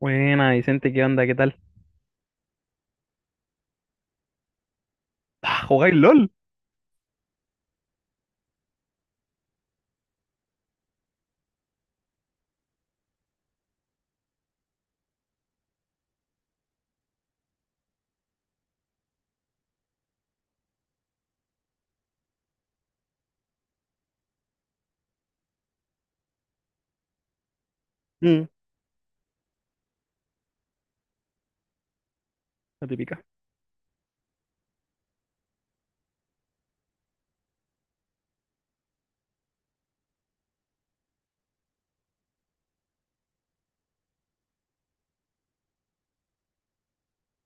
Buena, Vicente, ¿qué onda? ¿Qué tal? Ah, ¿jugáis LOL? Mm. La típica.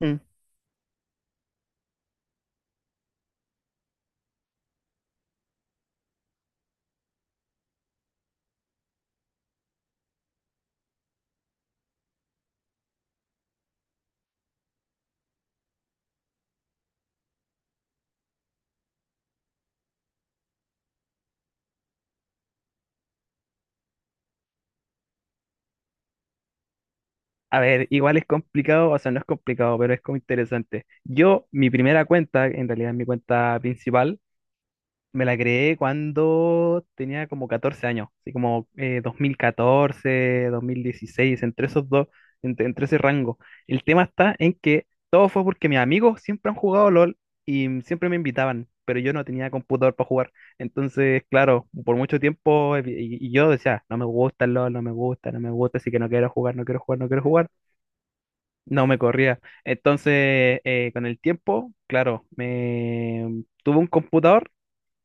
mm. A ver, igual es complicado, o sea, no es complicado, pero es como interesante. Yo, mi primera cuenta, en realidad es mi cuenta principal. Me la creé cuando tenía como 14 años, así como 2014, 2016, entre esos dos, entre ese rango. El tema está en que todo fue porque mis amigos siempre han jugado LOL y siempre me invitaban, pero yo no tenía computador para jugar. Entonces, claro, por mucho tiempo y yo decía, no me gusta el LOL, no me gusta, no me gusta, así que no quiero jugar, no quiero jugar, no quiero jugar. No me corría. Entonces, con el tiempo, claro, me tuve un computador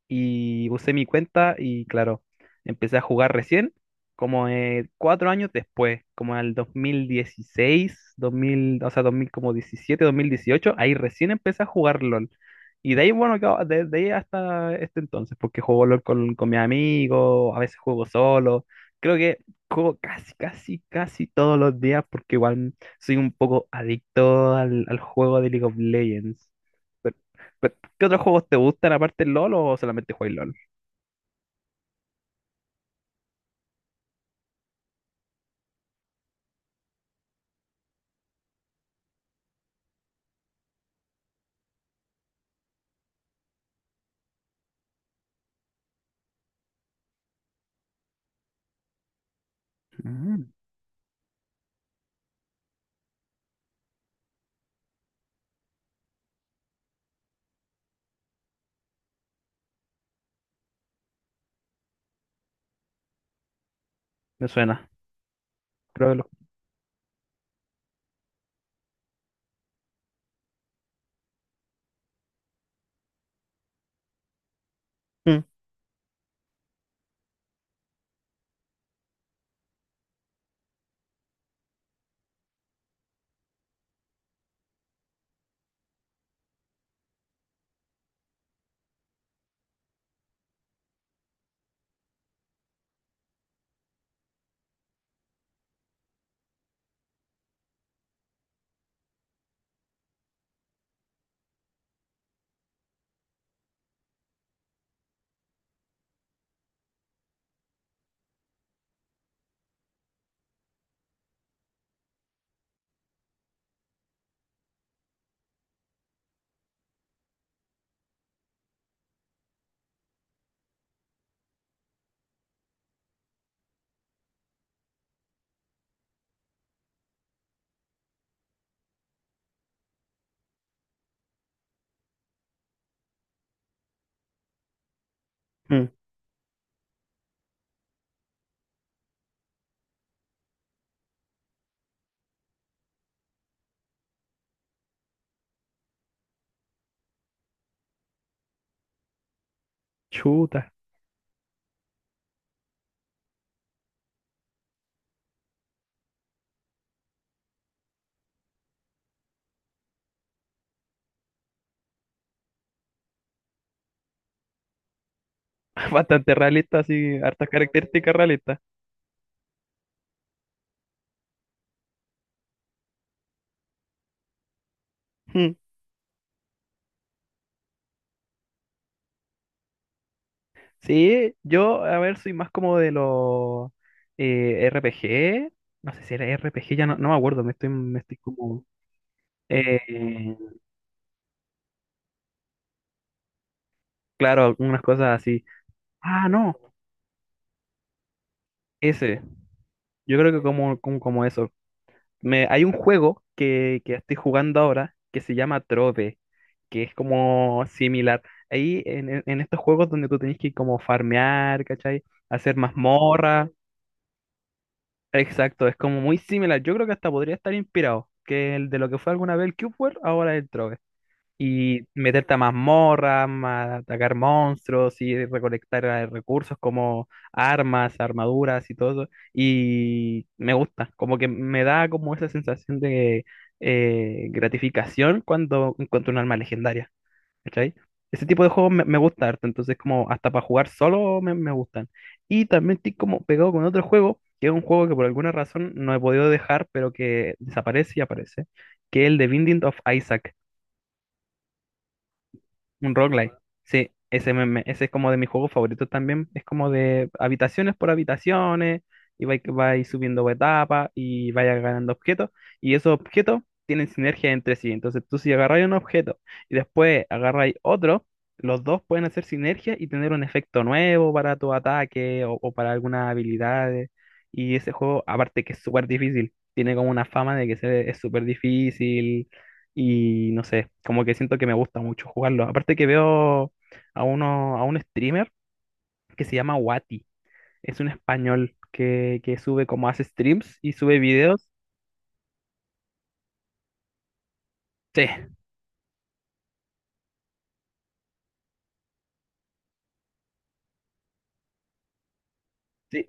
y usé mi cuenta y claro, empecé a jugar recién, como cuatro años después, como al 2016, 2000, o sea, 2000, como 17, 2018, ahí recién empecé a jugar LOL. Y de ahí, bueno, de ahí hasta este entonces, porque juego LOL con mis amigos, a veces juego solo, creo que juego casi todos los días, porque igual soy un poco adicto al, al juego de League of Legends. Pero- pero, ¿qué otros juegos te gustan aparte del LOL o solamente juegas LOL? Mm, me suena, creo que lo... Mm, mm, chuta. Bastante realista, así, hartas características realistas. Mm. Sí, yo, a ver, soy más como de los RPG. No sé si era RPG, ya no, no me acuerdo, me estoy como... eh, claro, algunas cosas así. Ah, no, ese. Yo creo que como eso. Me, hay un juego que estoy jugando ahora que se llama Trove, que es como similar. Ahí en estos juegos donde tú tenés que como farmear, ¿cachai? Hacer mazmorra. Exacto, es como muy similar. Yo creo que hasta podría estar inspirado, que el de lo que fue alguna vez el Cube World, ahora es el Trove y meterte a mazmorras, atacar monstruos y recolectar recursos como armas, armaduras y todo eso. Y me gusta, como que me da como esa sensación de gratificación cuando encuentro un arma legendaria, ¿cachai? Ese tipo de juegos me, me gusta harto, entonces como hasta para jugar solo me, me gustan. Y también estoy como pegado con otro juego, que es un juego que por alguna razón no he podido dejar, pero que desaparece y aparece, que es el de Binding of Isaac. Un roguelike. Sí, ese, ese es como de mis juegos favoritos también. Es como de habitaciones por habitaciones y vais subiendo etapas y vayas ganando objetos. Y esos objetos tienen sinergia entre sí. Entonces tú si agarráis un objeto y después agarráis otro, los dos pueden hacer sinergia y tener un efecto nuevo para tu ataque o para algunas habilidades. Y ese juego, aparte que es súper difícil, tiene como una fama de es súper difícil y no sé, como que siento que me gusta mucho jugarlo. Aparte que veo a un streamer que se llama Wati. Es un español que sube como hace streams y sube videos. Sí, sí.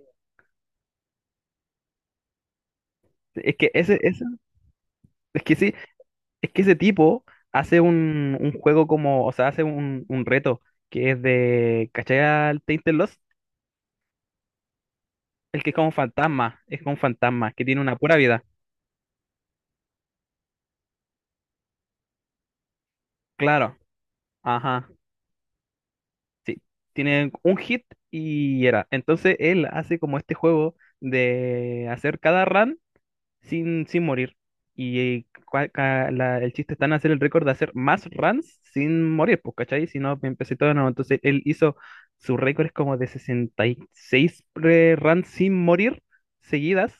Es que ese, ese- es que sí, es que ese tipo hace un juego como, o sea, hace un reto que es de, ¿cachai al Tainted Lost? El que es como un fantasma, es como un fantasma, que tiene una pura vida. Claro. Ajá. Tiene un hit y era. Entonces él hace como este juego de hacer cada run sin, sin morir. Y el chiste está en hacer el récord de hacer más runs sin morir, pues, ¿cachai? Si no, empecé todo de nuevo. Entonces él hizo, su récord es como de 66 runs sin morir seguidas.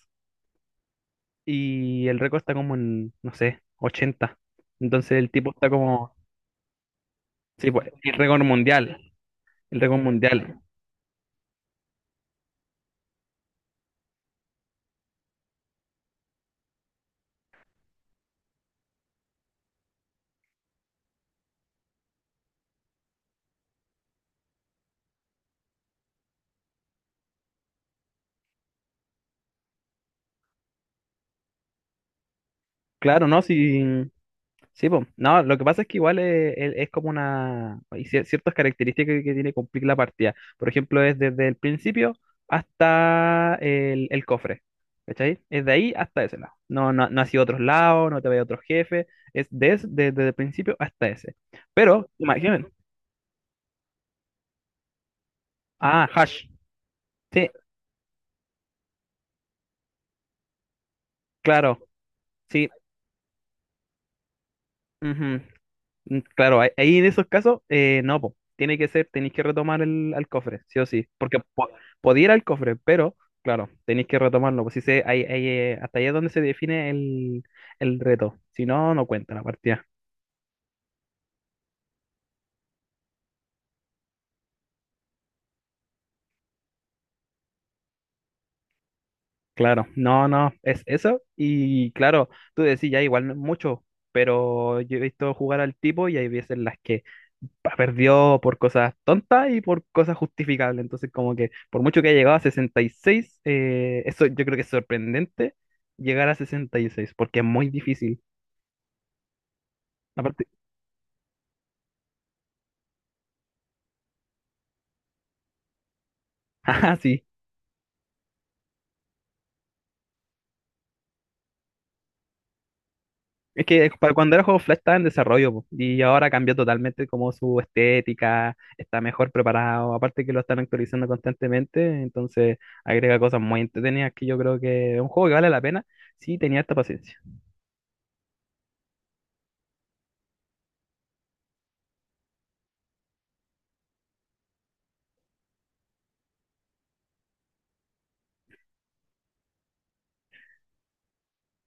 Y el récord está como en, no sé, 80. Entonces el tipo está como, sí, pues, el récord mundial. El récord mundial. Claro, ¿no? Sí, sí, po. No, lo que pasa es que igual es como una... Hay ciertas características que tiene que cumplir la partida. Por ejemplo, es desde el principio hasta el cofre. ¿Cachai? Es de ahí hasta ese lado. No, no, no ha sido otros lados, no te vaya a otros jefes. Es desde el principio hasta ese. Pero, imaginen. Ah, Hash. Sí, claro. Sí. Mm, claro, ahí en esos casos, no, po. Tiene que ser, tenéis que retomar el, al cofre, sí o sí, podía ir al cofre, pero claro, tenéis que retomarlo, pues si se, hasta ahí es donde se define el reto, si no, no cuenta la partida, claro, no, no, es eso, y claro, tú decís, ya igual no es mucho, pero yo he visto jugar al tipo y hay veces en las que perdió por cosas tontas y por cosas justificables. Entonces, como que por mucho que haya llegado a 66, eso yo creo que es sorprendente, llegar a 66 porque es muy difícil. Aparte, ajá, sí. Es que para cuando era juego Flash estaba en desarrollo, po, y ahora cambió totalmente como su estética, está mejor preparado, aparte que lo están actualizando constantemente, entonces agrega cosas muy entretenidas que yo creo que es un juego que vale la pena si tenía esta paciencia.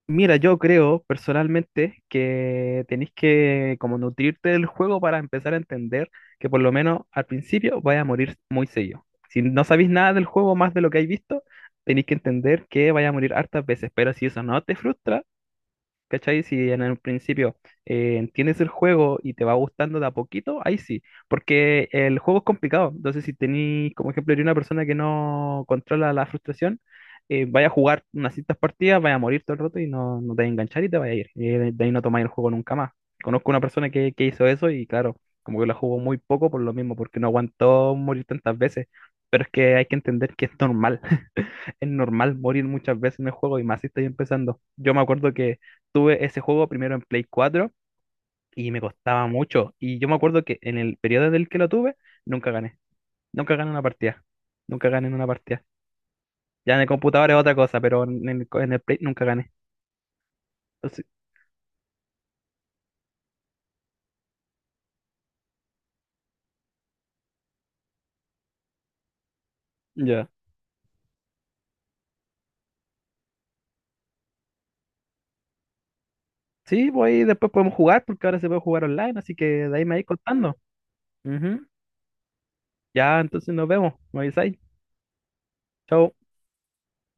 Mira, yo creo personalmente que tenéis que como nutrirte del juego para empezar a entender que por lo menos al principio vais a morir muy seguido. Si no sabéis nada del juego más de lo que habéis visto, tenéis que entender que vais a morir hartas veces, pero si eso no te frustra, ¿cachai? Si en el principio entiendes el juego y te va gustando de a poquito, ahí sí, porque el juego es complicado. Entonces, si tenéis, como ejemplo, eres una persona que no controla la frustración, vaya a jugar unas ciertas partidas, vaya a morir todo el rato y no, no te va a enganchar y te vaya a ir. Y de ahí no tomáis el juego nunca más. Conozco una persona que hizo eso y claro, como que la jugó muy poco por lo mismo, porque no aguantó morir tantas veces. Pero es que hay que entender que es normal, es normal morir muchas veces en el juego y más si estoy empezando. Yo me acuerdo que tuve ese juego primero en Play 4 y me costaba mucho. Y yo me acuerdo que en el periodo del que lo tuve, nunca gané. Nunca gané una partida. Nunca gané en una partida. Ya en el computador es otra cosa, pero en el, en el Play nunca gané. Entonces, ya. Sí, pues ahí después podemos jugar porque ahora se puede jugar online, así que de ahí me vais contando. Ujú. Ya, entonces nos vemos. Me avisáis. Chao.